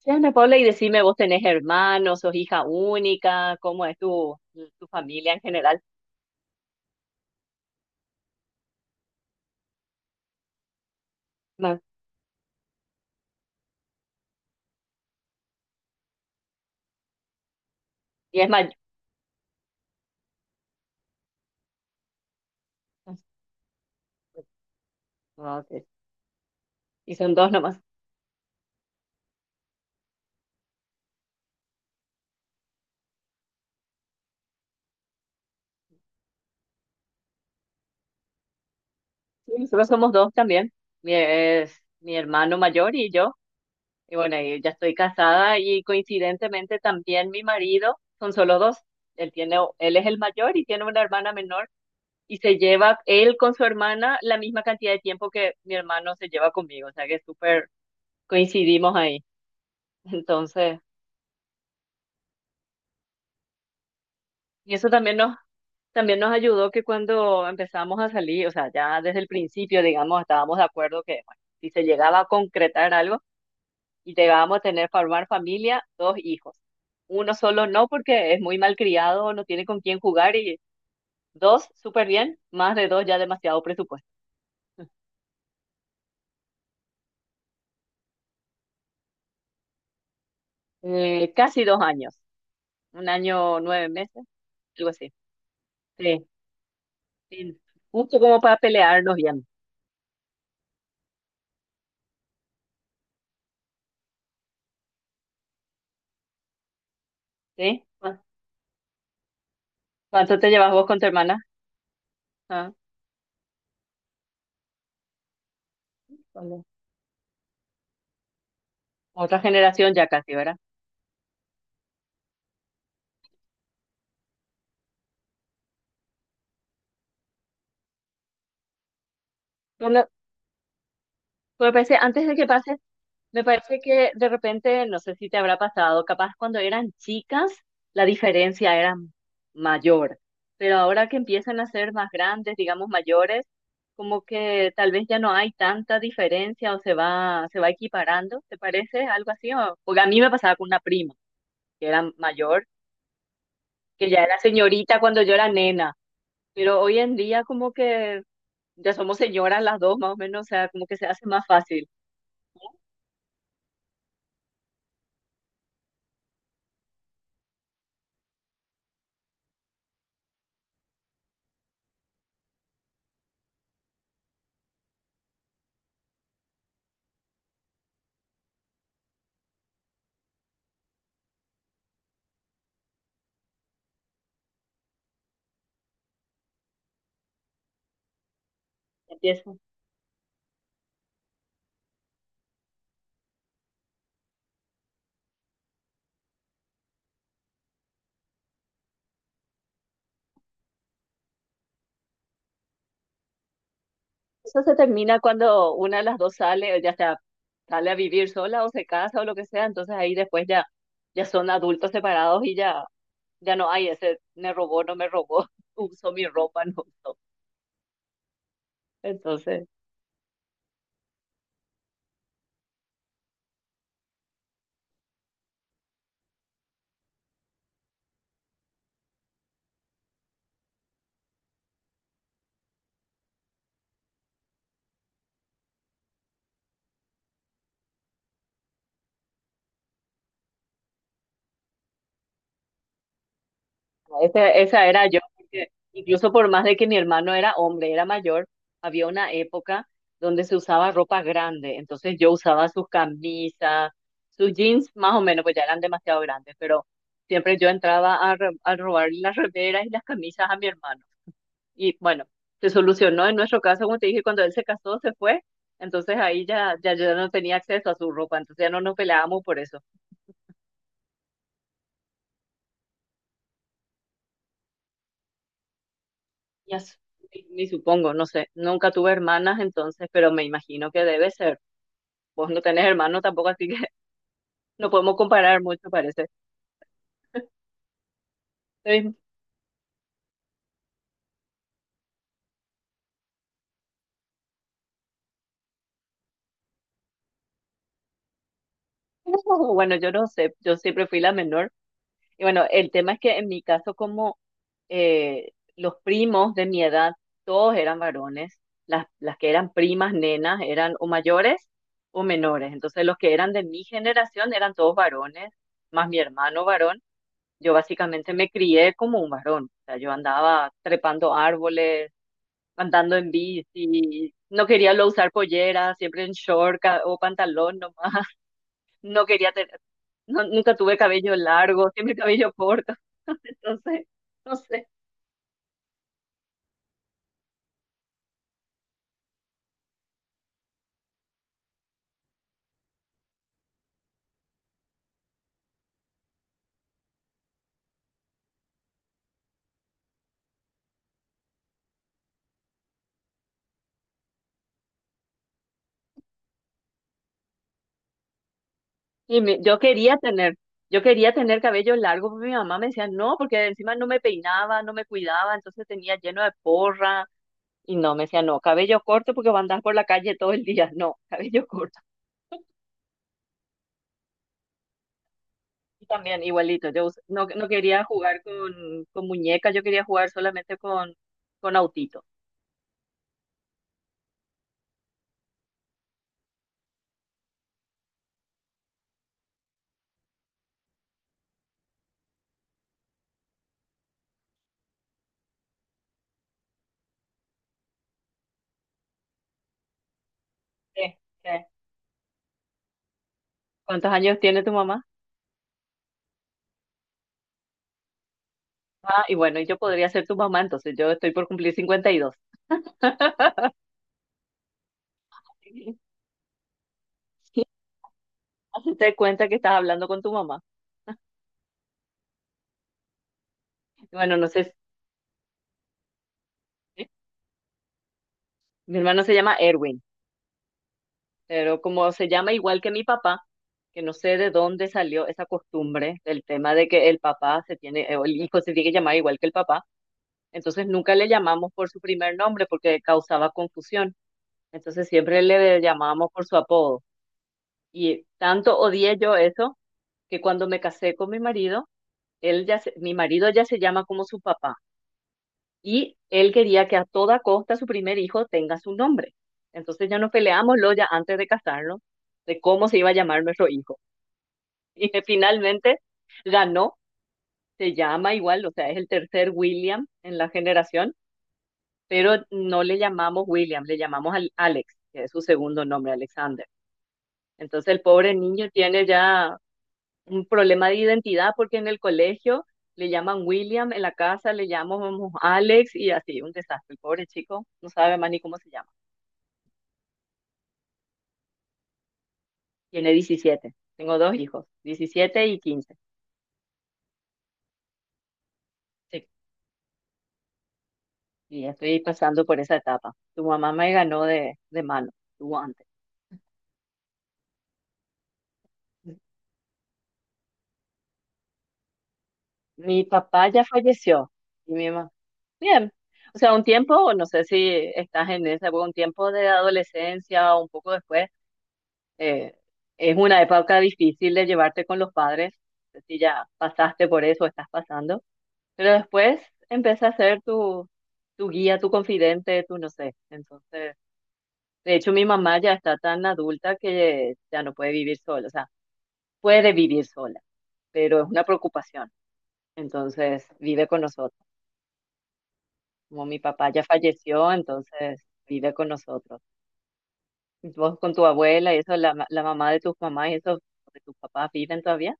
Che, Ana Paula, y decime, ¿vos tenés hermanos, sos hija única? ¿Cómo es tu familia en general? Ma- Y es mayor. Y son dos nomás. Sí, nosotros somos dos también. Es mi hermano mayor y yo. Y bueno, y ya estoy casada y coincidentemente también mi marido, son solo dos. Él es el mayor y tiene una hermana menor y se lleva él con su hermana la misma cantidad de tiempo que mi hermano se lleva conmigo. O sea que súper coincidimos ahí. Entonces. Y eso también nos ayudó que cuando empezamos a salir, o sea, ya desde el principio, digamos, estábamos de acuerdo que, bueno, si se llegaba a concretar algo y llegábamos a formar familia, dos hijos. Uno solo no, porque es muy malcriado, no tiene con quién jugar y dos, súper bien, más de dos ya demasiado presupuesto. Casi 2 años, 1 año, 9 meses, algo así. Sí, sí, justo como para pelearnos bien, ¿sí? ¿Cuánto te llevas vos con tu hermana? Ah. Otra generación ya casi, ¿verdad? Bueno, pues me parece, antes de que pase, me parece que de repente, no sé si te habrá pasado, capaz cuando eran chicas la diferencia era mayor, pero ahora que empiezan a ser más grandes, digamos mayores, como que tal vez ya no hay tanta diferencia o se va equiparando, ¿te parece algo así? Porque a mí me pasaba con una prima que era mayor, que ya era señorita cuando yo era nena, pero hoy en día como que ya somos señoras las dos, más o menos, o sea, como que se hace más fácil. Empieza. Eso se termina cuando una de las dos sale, ya sea, sale a vivir sola o se casa o lo que sea, entonces ahí después ya son adultos separados y ya no hay ese, me robó, no me robó, usó mi ropa, no usó. Entonces. Esa era yo, porque incluso por más de que mi hermano era hombre, era mayor, había una época donde se usaba ropa grande, entonces yo usaba sus camisas, sus jeans más o menos, pues ya eran demasiado grandes, pero siempre yo entraba a robar las remeras y las camisas a mi hermano. Y bueno, se solucionó en nuestro caso, como te dije, cuando él se casó, se fue, entonces ahí ya yo no tenía acceso a su ropa, entonces ya no nos peleábamos por eso. Ya s- ni supongo, no sé. Nunca tuve hermanas entonces, pero me imagino que debe ser. Vos no tenés hermanos tampoco, así que no podemos comparar mucho, parece. Entonces, bueno, yo no sé, yo siempre fui la menor. Y bueno, el tema es que en mi caso, como los primos de mi edad, todos eran varones, las que eran primas, nenas, eran o mayores o menores. Entonces, los que eran de mi generación eran todos varones, más mi hermano varón. Yo básicamente me crié como un varón. O sea, yo andaba trepando árboles, andando en bici, no quería lo usar pollera, siempre en short o pantalón nomás. No quería tener, no- nunca tuve cabello largo, siempre cabello corto. Entonces, no sé. Y mi- yo quería tener, yo quería tener cabello largo, pero mi mamá me decía no, porque encima no me peinaba, no me cuidaba, entonces tenía lleno de porra. Y no, me decía, no, cabello corto porque va a andar por la calle todo el día. No, cabello corto. Yo también igualito, yo us- no, no quería jugar con muñecas, yo quería jugar solamente con autito. Sí, sí. ¿Cuántos años tiene tu mamá? Ah, y bueno, yo podría ser tu mamá, entonces yo estoy por cumplir 52. Hazte cuenta que estás hablando con tu mamá. Y bueno, no sé, si- mi hermano se llama Erwin, pero como se llama igual que mi papá, que no sé de dónde salió esa costumbre del tema de que el papá se tiene, o el hijo se tiene que llamar igual que el papá. Entonces nunca le llamamos por su primer nombre porque causaba confusión. Entonces siempre le llamábamos por su apodo. Y tanto odié yo eso que cuando me casé con mi marido, mi marido ya se llama como su papá. Y él quería que a toda costa su primer hijo tenga su nombre. Entonces ya nos peleamos lo ya antes de casarnos de cómo se iba a llamar nuestro hijo. Y finalmente ganó, se llama igual, o sea, es el tercer William en la generación, pero no le llamamos William, le llamamos al Alex, que es su segundo nombre, Alexander. Entonces el pobre niño tiene ya un problema de identidad porque en el colegio le llaman William, en la casa le llamamos Alex y así, un desastre. El pobre chico no sabe más ni cómo se llama. Tiene 17. Tengo dos hijos, 17 y 15. Sí. Y estoy pasando por esa etapa. Tu mamá me ganó de mano, tú antes. Mi papá ya falleció y mi mamá. Bien. O sea, un tiempo, no sé si estás en esa época, un tiempo de adolescencia o un poco después, eh, es una época difícil de llevarte con los padres, no sé si ya pasaste por eso o estás pasando, pero después empieza a ser tu guía, tu confidente, tu no sé. Entonces, de hecho, mi mamá ya está tan adulta que ya no puede vivir sola, o sea, puede vivir sola, pero es una preocupación. Entonces, vive con nosotros. Como mi papá ya falleció, entonces vive con nosotros. Vos con tu abuela y eso, la mamá de tus mamás y eso, de tus papás, ¿viven todavía?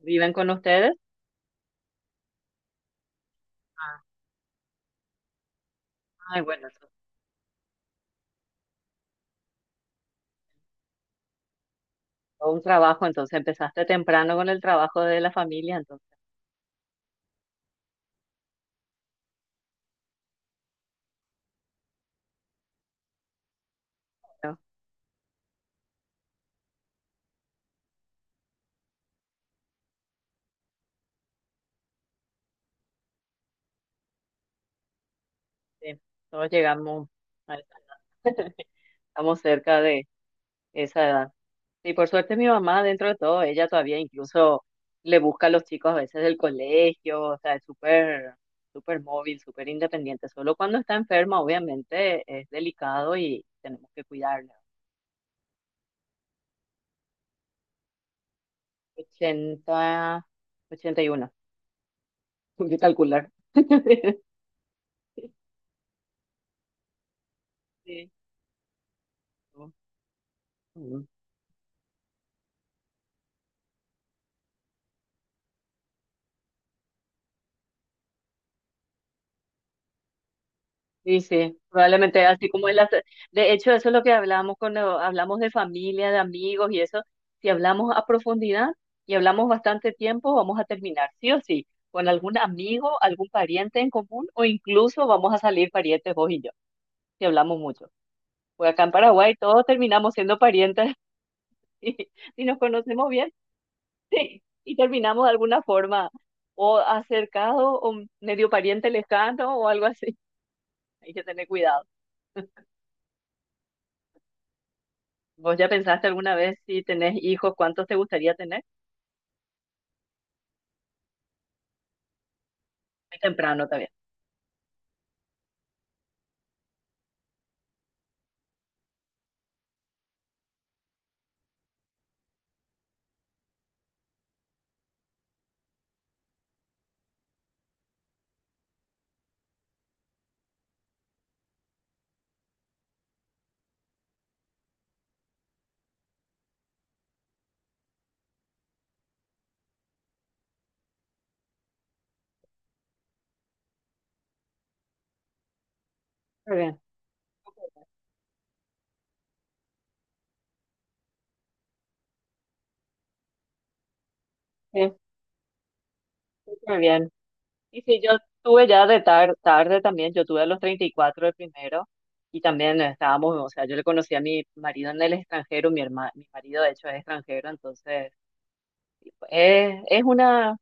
¿Viven con ustedes? Ah. Ay, bueno, eso es todo un trabajo, entonces empezaste temprano con el trabajo de la familia, entonces, ¿no? Sí, todos llegamos, a- estamos cerca de esa edad. Y por suerte mi mamá, dentro de todo, ella todavía incluso le busca a los chicos a veces del colegio, o sea, es súper, súper móvil, súper independiente. Solo cuando está enferma, obviamente, es delicado y tenemos que cuidarla. ochenta, ochenta y 81, hay que calcular. Sí. Sí, sí, probablemente así como en las. De hecho, eso es lo que hablamos cuando hablamos de familia, de amigos y eso. Si hablamos a profundidad y hablamos bastante tiempo, vamos a terminar, sí o sí, con algún amigo, algún pariente en común o incluso vamos a salir parientes vos y yo, si hablamos mucho. Pues acá en Paraguay todos terminamos siendo parientes y, si nos conocemos bien, sí, y terminamos de alguna forma o acercado o medio pariente lejano o algo así. Hay que tener cuidado. ¿Vos ya pensaste alguna vez si tenés hijos, cuántos te gustaría tener? Muy temprano también. Muy bien, sí, muy bien. Y sí, yo tuve ya de tarde también, yo tuve a los 34 el primero y también estábamos, o sea, yo le conocí a mi marido en el extranjero, mi marido de hecho es extranjero, entonces es, es una,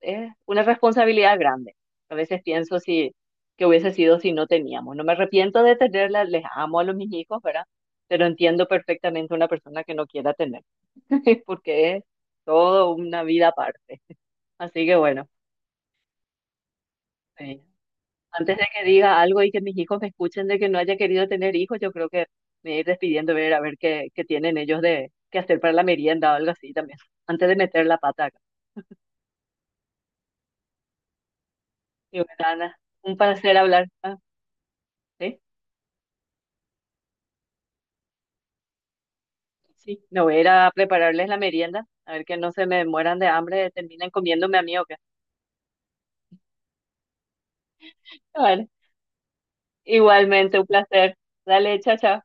es una responsabilidad grande. A veces pienso que hubiese sido si no teníamos. No me arrepiento de tenerla, les amo a los mis hijos, ¿verdad? Pero entiendo perfectamente una persona que no quiera tener. Porque es todo una vida aparte. Así que bueno, eh, antes de que diga algo y que mis hijos me escuchen de que no haya querido tener hijos, yo creo que me voy a ir despidiendo, ver a ver qué tienen ellos de qué hacer para la merienda o algo así también, antes de meter la pata acá. Y bueno, Ana, un placer hablar. Ah, ¿sí? Sí, me voy a ir a prepararles la merienda, a ver que no se me mueran de hambre, terminen comiéndome a mí o qué. Vale, igualmente un placer. Dale, chao, chao.